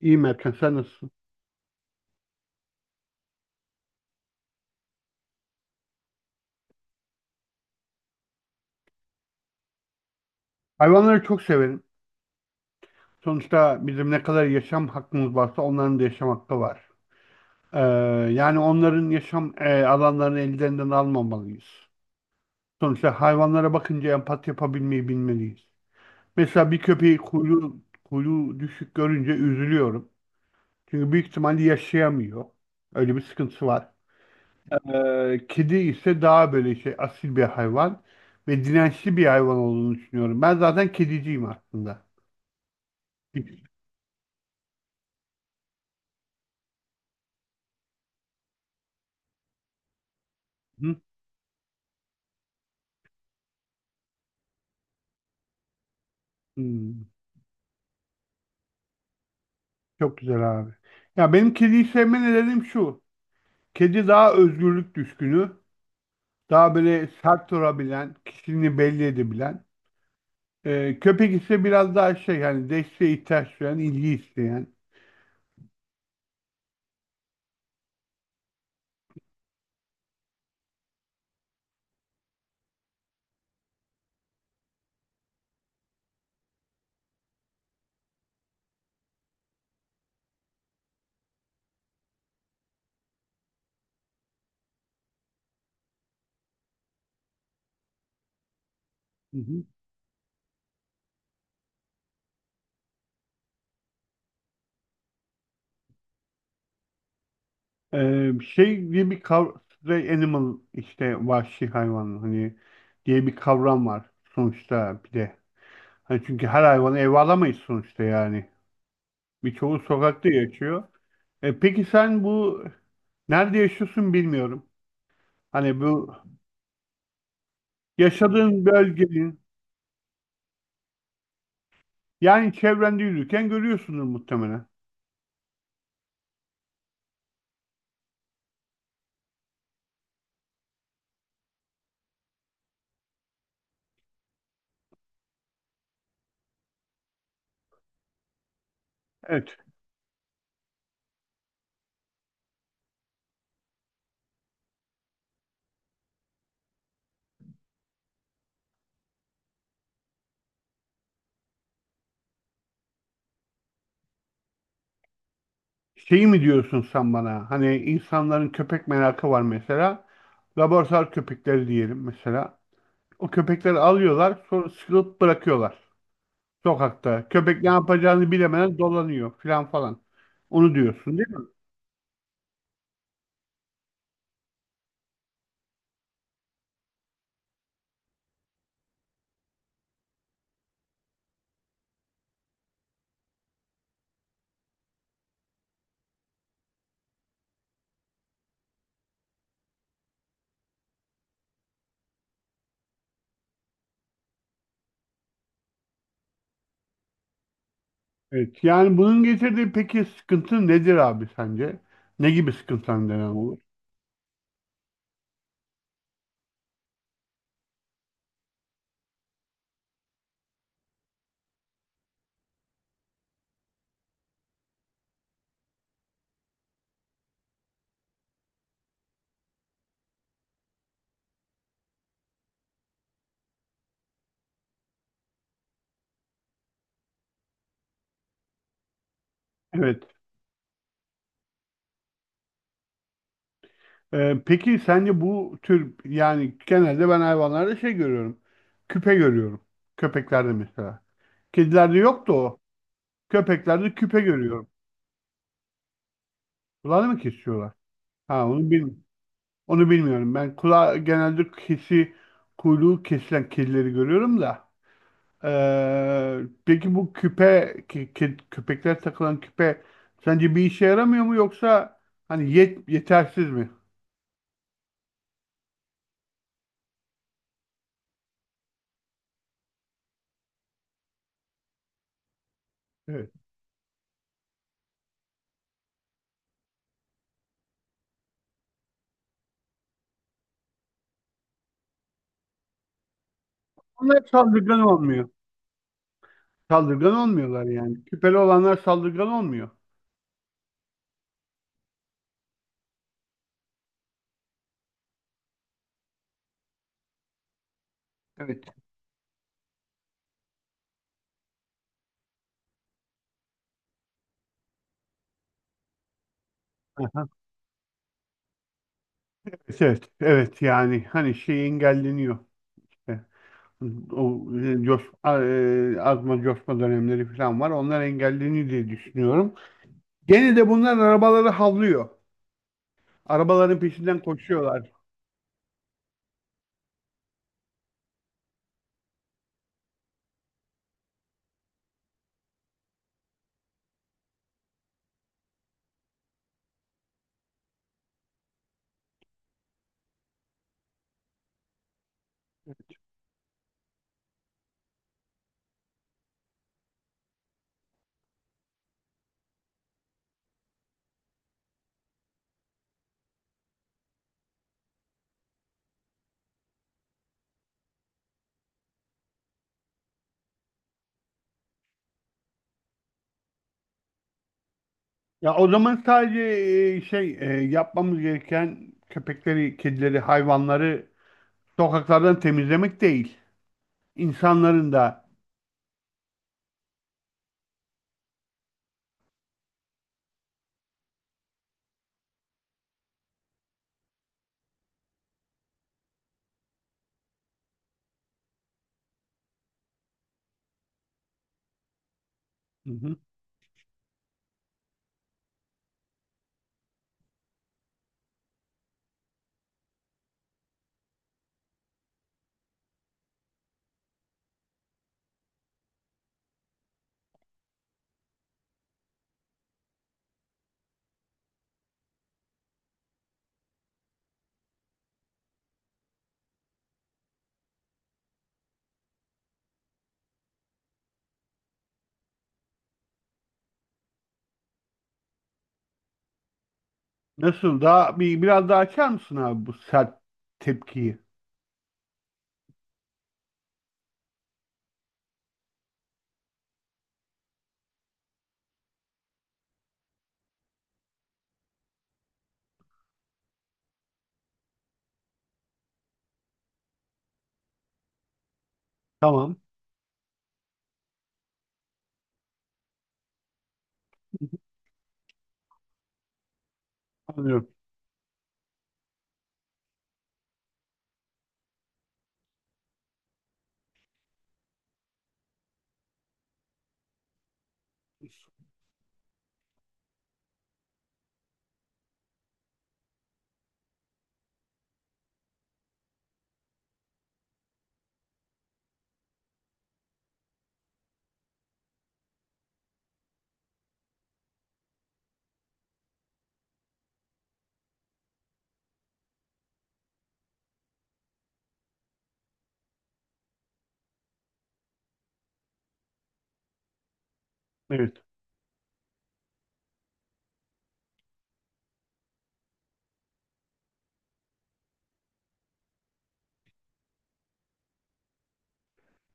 İyiyim Erkan, sen nasılsın? Hayvanları çok severim. Sonuçta bizim ne kadar yaşam hakkımız varsa onların da yaşam hakkı var. Ee, Yani onların yaşam alanlarını ellerinden almamalıyız. Sonuçta hayvanlara bakınca empati yapabilmeyi bilmeliyiz. Mesela bir köpeği kuyruğu düşük görünce üzülüyorum. Çünkü büyük ihtimalle yaşayamıyor. Öyle bir sıkıntısı var. Kedi ise daha böyle şey asil bir hayvan ve dirençli bir hayvan olduğunu düşünüyorum. Ben zaten kediciyim aslında. Hı? Hmm, çok güzel abi. Ya benim kediyi sevme nedenim şu. Kedi daha özgürlük düşkünü. Daha böyle sert durabilen, kişiliğini belli edebilen. Köpek ise biraz daha şey hani desteğe ihtiyaç duyan, ilgi isteyen. Hı hı. Şey diye bir kavram, stray animal işte vahşi hayvan hani diye bir kavram var sonuçta bir de. Hani çünkü her hayvanı eve alamayız sonuçta yani. Birçoğu sokakta yaşıyor. Peki sen bu nerede yaşıyorsun bilmiyorum. Hani bu yaşadığın bölgenin yani çevrende yürürken görüyorsundur muhtemelen. Evet. Şeyi mi diyorsun sen bana? Hani insanların köpek merakı var mesela. Laboratuvar köpekleri diyelim mesela. O köpekleri alıyorlar sonra sıkılıp bırakıyorlar. Sokakta. Köpek ne yapacağını bilemeden dolanıyor filan falan. Onu diyorsun değil mi? Evet. Yani bunun getirdiği peki sıkıntı nedir abi sence? Ne gibi sıkıntılar neden olur? Evet. Peki sence bu tür yani genelde ben hayvanlarda şey görüyorum. Küpe görüyorum. Köpeklerde mesela. Kedilerde yoktu o. Köpeklerde küpe görüyorum. Kulağını mı kesiyorlar? Ha onu bilmiyorum. Onu bilmiyorum. Ben kuyruğu kesilen kedileri görüyorum da. Ee, peki bu köpekler takılan küpe sence bir işe yaramıyor mu yoksa hani yetersiz mi? Evet. Onlar hep saldırgan olmuyor. Saldırgan olmuyorlar yani. Küpeli olanlar saldırgan olmuyor. Evet. Aha. Evet, evet, evet. Yani hani şey engelleniyor. E, O azma coşma dönemleri falan var. Onlar engelleniyor diye düşünüyorum. Gene de bunlar arabaları havlıyor. Arabaların peşinden koşuyorlar. Ya o zaman sadece yapmamız gereken köpekleri, kedileri, hayvanları sokaklardan temizlemek değil. İnsanların da. Nasıl? Daha bir biraz daha açar mısın abi bu sert tepkiyi? Tamam. Anlıyorum. Evet.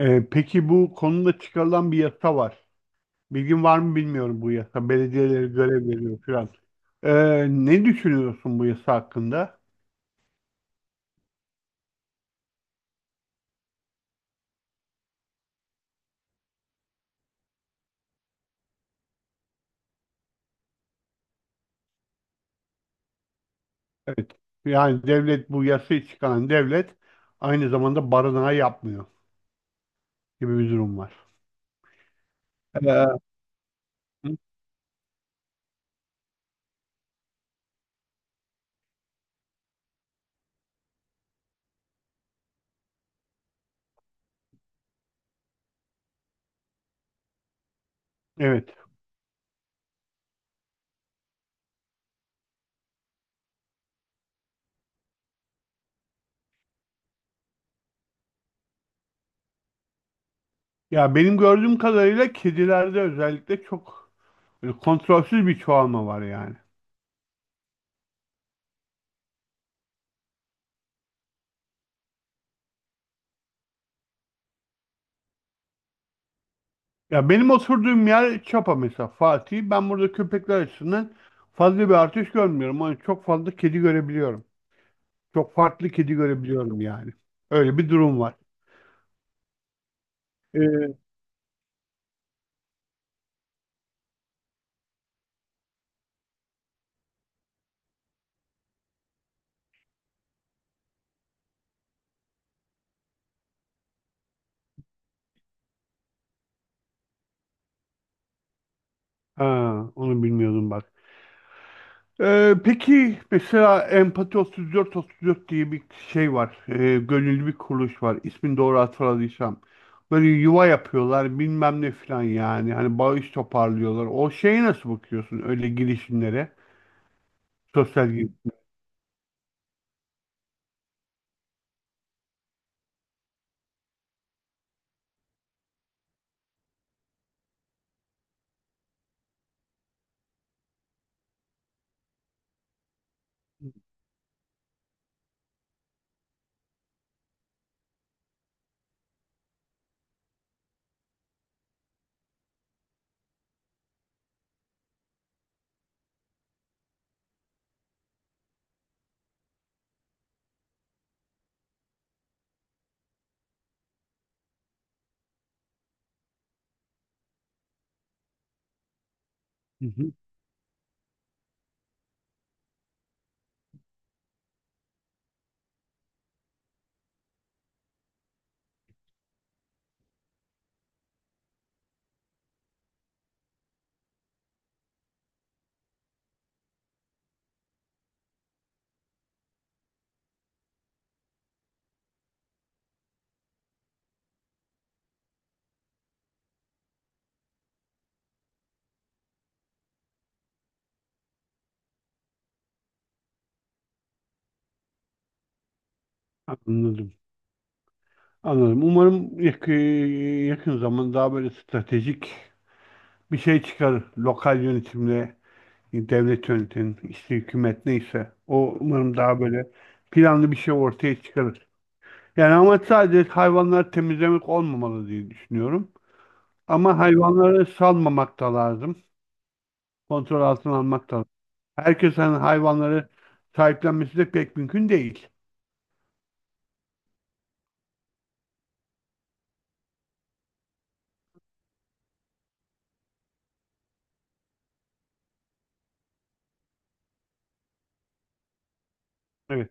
Peki bu konuda çıkarılan bir yasa var. Bilgin var mı bilmiyorum bu yasa. Belediyeleri görev veriyor falan. Ne düşünüyorsun bu yasa hakkında? Evet. Yani devlet bu yasayı çıkaran devlet aynı zamanda barınağı yapmıyor gibi bir durum var. Ee, evet. Ya benim gördüğüm kadarıyla kedilerde özellikle çok böyle kontrolsüz bir çoğalma var yani. Ya benim oturduğum yer Çapa mesela Fatih. Ben burada köpekler açısından fazla bir artış görmüyorum. Ama çok fazla kedi görebiliyorum. Çok farklı kedi görebiliyorum yani. Öyle bir durum var. Ee, ha, onu bilmiyordum bak. Peki mesela Empati 34 34 diye bir şey var. Gönüllü bir kuruluş var. İsmini doğru hatırladıysam. Böyle yuva yapıyorlar bilmem ne falan yani. Hani bağış toparlıyorlar. O şeye nasıl bakıyorsun öyle girişimlere? Sosyal girişim. Hı hı. Anladım. Anladım. Umarım yakın zaman daha böyle stratejik bir şey çıkar. Lokal yönetimle, devlet yönetim, işte hükümet neyse. O umarım daha böyle planlı bir şey ortaya çıkarır. Yani ama sadece hayvanları temizlemek olmamalı diye düşünüyorum. Ama hayvanları salmamak da lazım. Kontrol altına almak da lazım. Herkesin hayvanları sahiplenmesi de pek mümkün değil. Evet,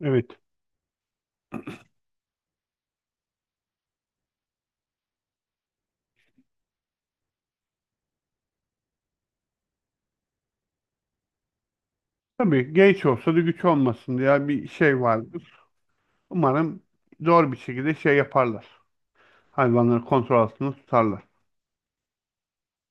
evet. Tabii genç olsa da güç olmasın diye bir şey var. Umarım zor bir şekilde şey yaparlar. Hayvanları kontrol altında tutarlar.